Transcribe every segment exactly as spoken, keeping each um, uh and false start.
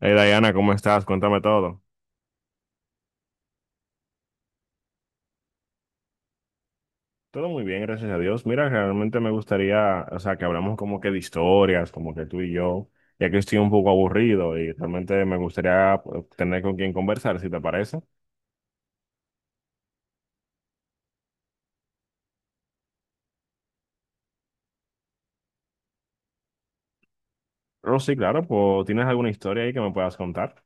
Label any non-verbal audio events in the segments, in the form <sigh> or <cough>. Hey Diana, ¿cómo estás? Cuéntame todo. Todo muy bien, gracias a Dios. Mira, realmente me gustaría, o sea, que hablamos como que de historias, como que tú y yo, ya que estoy un poco aburrido y realmente me gustaría pues, tener con quien conversar, si te parece. Pero sí, claro, pues ¿tienes alguna historia ahí que me puedas contar?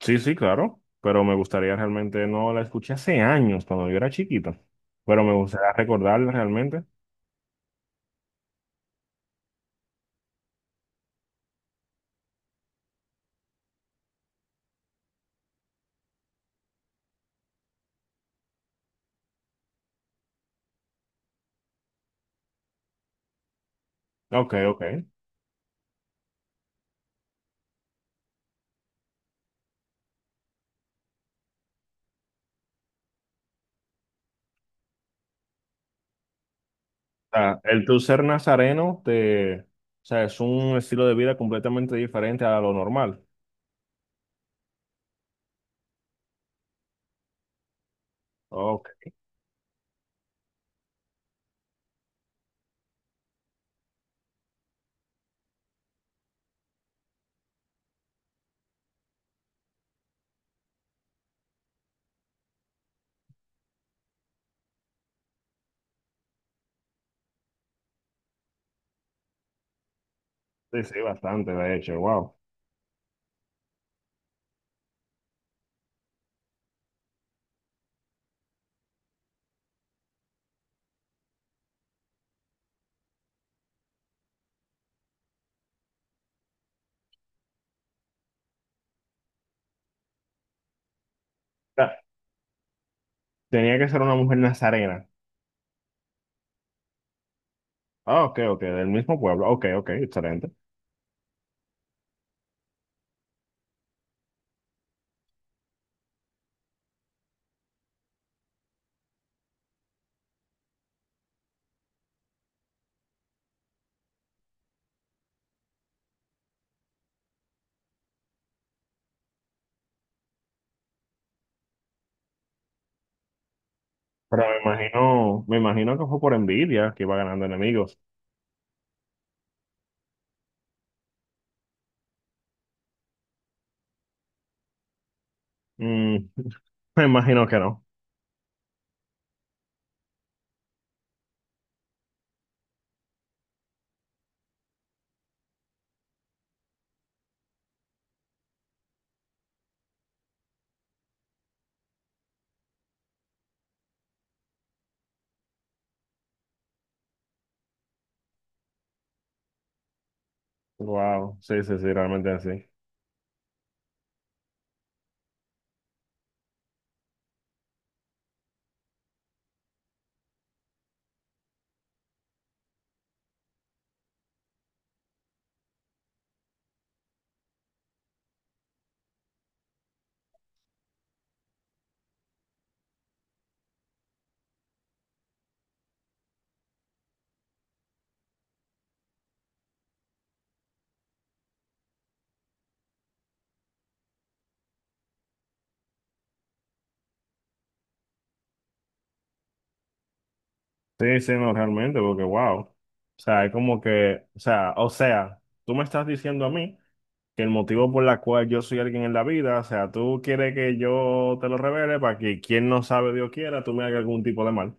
Sí, sí, claro, pero me gustaría realmente, no la escuché hace años, cuando yo era chiquito, pero me gustaría recordarla realmente. Ok, ok. sea, el tú ser nazareno te, o sea, es un estilo de vida completamente diferente a lo normal. Ok, sí, sí, bastante, de hecho, wow. O sea, tenía que ser una mujer nazarena. Ah, ok, ok, del mismo pueblo. Ok, ok, excelente. Pero me imagino, me imagino que fue por envidia que iba ganando enemigos. Mm, <laughs> me imagino que no. Wow, sí, sí, sí, realmente así. Sí, sí, no, realmente, porque wow. O sea, es como que, o sea, o sea, tú me estás diciendo a mí. Que el motivo por la cual yo soy alguien en la vida, o sea, tú quieres que yo te lo revele para que quien no sabe, Dios quiera, tú me hagas algún tipo de mal.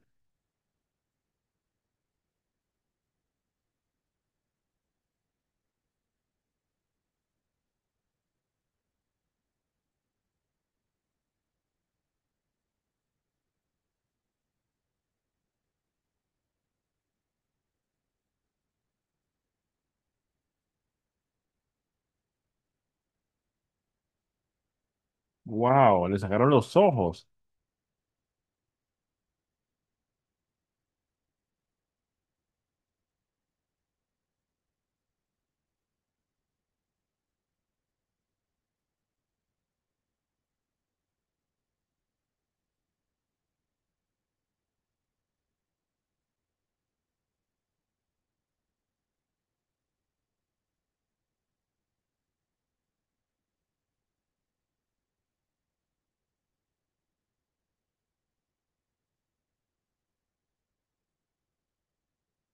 Wow, le sacaron los ojos.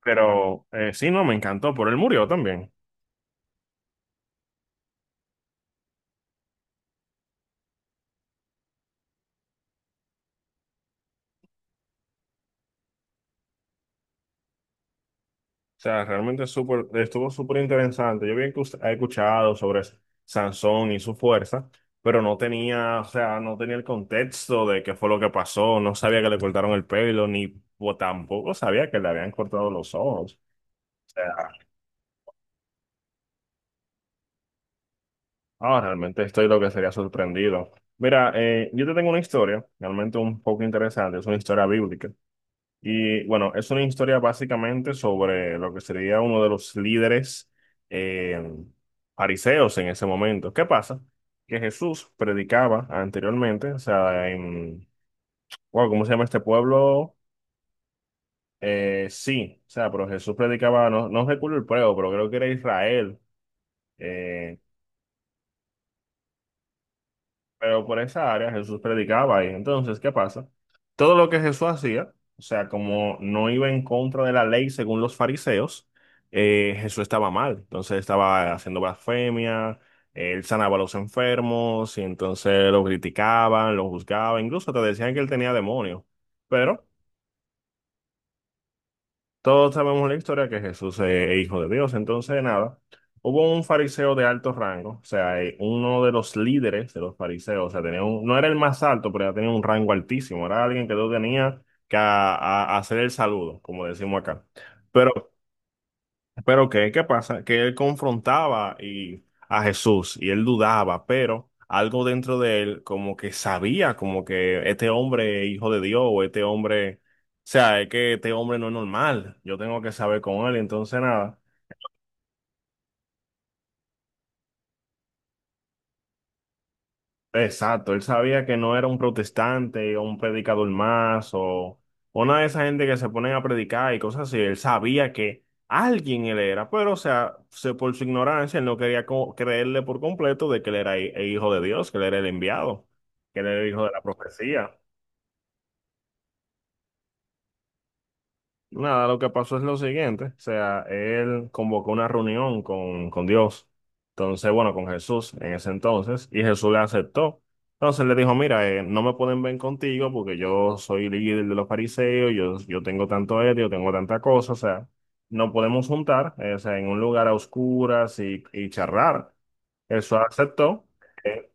Pero eh, sí, no, me encantó, pero él murió también. O sea, realmente súper, estuvo súper interesante. Yo bien que us- he escuchado sobre Sansón y su fuerza, pero no tenía, o sea, no tenía el contexto de qué fue lo que pasó, no sabía que le cortaron el pelo, ni o tampoco sabía que le habían cortado los ojos. Ah, realmente estoy lo que sería sorprendido. Mira, eh, yo te tengo una historia, realmente un poco interesante, es una historia bíblica. Y bueno, es una historia básicamente sobre lo que sería uno de los líderes eh, fariseos en ese momento. ¿Qué pasa? Que Jesús predicaba anteriormente, o sea, en, wow, ¿cómo se llama este pueblo? Eh, sí, o sea, pero Jesús predicaba, no, no recuerdo el pueblo, pero creo que era Israel. Eh, Pero por esa área Jesús predicaba ahí. Entonces, ¿qué pasa? Todo lo que Jesús hacía, o sea, como no iba en contra de la ley según los fariseos, eh, Jesús estaba mal. Entonces estaba haciendo blasfemia, él sanaba a los enfermos y entonces lo criticaban, lo juzgaban, incluso te decían que él tenía demonios. Pero todos sabemos la historia que Jesús es hijo de Dios. Entonces, nada, hubo un fariseo de alto rango, o sea, eh, uno de los líderes de los fariseos, o sea, tenía un- no era el más alto, pero ya tenía un rango altísimo. Era alguien que no tenía que a- a- hacer el saludo, como decimos acá. Pero pero ¿qué, qué pasa? Que él confrontaba y, a Jesús y él dudaba, pero algo dentro de él como que sabía, como que este hombre es hijo de Dios o este hombre, o sea, es que este hombre no es normal, yo tengo que saber con él, entonces nada. Exacto, él sabía que no era un protestante o un predicador más o una de esa gente que se ponen a predicar y cosas así. Él sabía que alguien él era, pero o sea, se, por su ignorancia él no quería co- creerle por completo de que él era hi- el hijo de Dios, que él era el enviado, que él era el hijo de la profecía. Nada, lo que pasó es lo siguiente, o sea, él convocó una reunión con, con Dios, entonces, bueno, con Jesús en ese entonces, y Jesús le aceptó. Entonces le dijo, mira, eh, no me pueden ver contigo porque yo soy líder de los fariseos, yo, yo tengo tanto ético, tengo tanta cosa, o sea, no podemos juntar, eh, o sea, en un lugar a oscuras y, y charlar. Jesús aceptó. eh,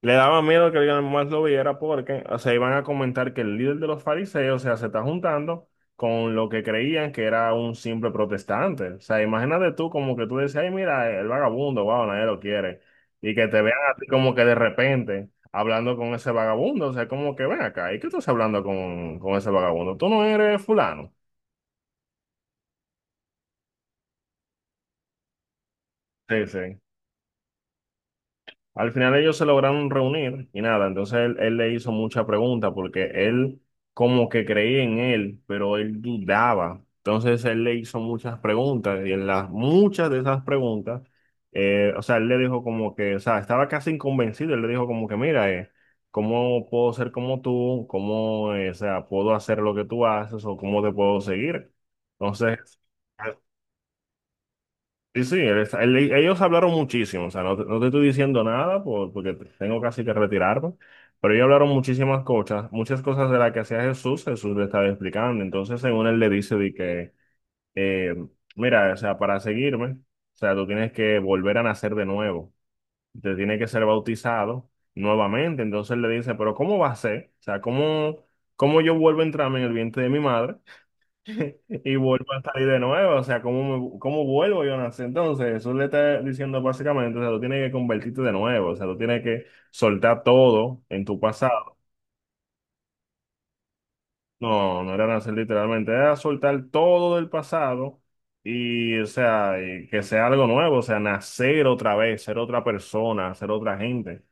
le daba miedo que alguien más lo viera porque, o sea, iban a comentar que el líder de los fariseos, o sea, se está juntando con lo que creían que era un simple protestante. O sea, imagínate tú como que tú decías, ay, mira, el vagabundo, wow, nadie lo quiere. Y que te vean así como que de repente hablando con ese vagabundo, o sea, como que ven acá, ¿y qué tú estás hablando con, con ese vagabundo? Tú no eres fulano. Sí, sí. Al final ellos se lograron reunir y nada, entonces él, él le hizo mucha pregunta porque él como que creía en él, pero él dudaba. Entonces él le hizo muchas preguntas y en las muchas de esas preguntas, eh, o sea, él le dijo como que, o sea, estaba casi inconvencido, él le dijo como que, mira, eh, ¿cómo puedo ser como tú? ¿Cómo, eh, o sea, puedo hacer lo que tú haces o cómo te puedo seguir? Entonces, Sí, sí, él está- él- ellos hablaron muchísimo, o sea, no te, no te estoy diciendo nada por- porque tengo casi que retirarme, pero ellos hablaron muchísimas cosas, muchas cosas de las que hacía Jesús, Jesús le estaba explicando, entonces según él le dice de que, eh, mira, o sea, para seguirme, o sea, tú tienes que volver a nacer de nuevo, te tienes que ser bautizado nuevamente, entonces él le dice, pero ¿cómo va a ser? O sea, ¿cómo, cómo yo vuelvo a entrarme en el vientre de mi madre? Y vuelvo a salir de nuevo, o sea, ¿cómo, me- cómo vuelvo yo a nacer? Entonces, eso le está diciendo básicamente, o sea, tú tienes que convertirte de nuevo, o sea, tú tienes que soltar todo en tu pasado. No, no era nacer literalmente, era soltar todo del pasado y, o sea, y que sea algo nuevo, o sea, nacer otra vez, ser otra persona, ser otra gente.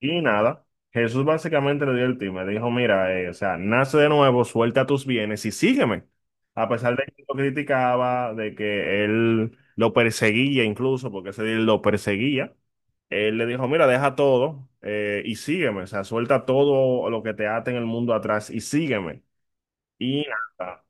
Y nada, Jesús básicamente le dio el tip, me dijo, mira, eh, o sea, nace de nuevo, suelta tus bienes y sígueme. A pesar de que lo criticaba, de que él lo perseguía incluso, porque ese día él lo perseguía, él le dijo, mira, deja todo eh, y sígueme, o sea, suelta todo lo que te ate en el mundo atrás y sígueme. Y nada,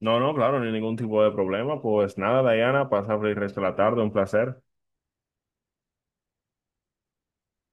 no, no, claro, ni ningún tipo de problema, pues nada, Diana, pasa el resto de la tarde, un placer.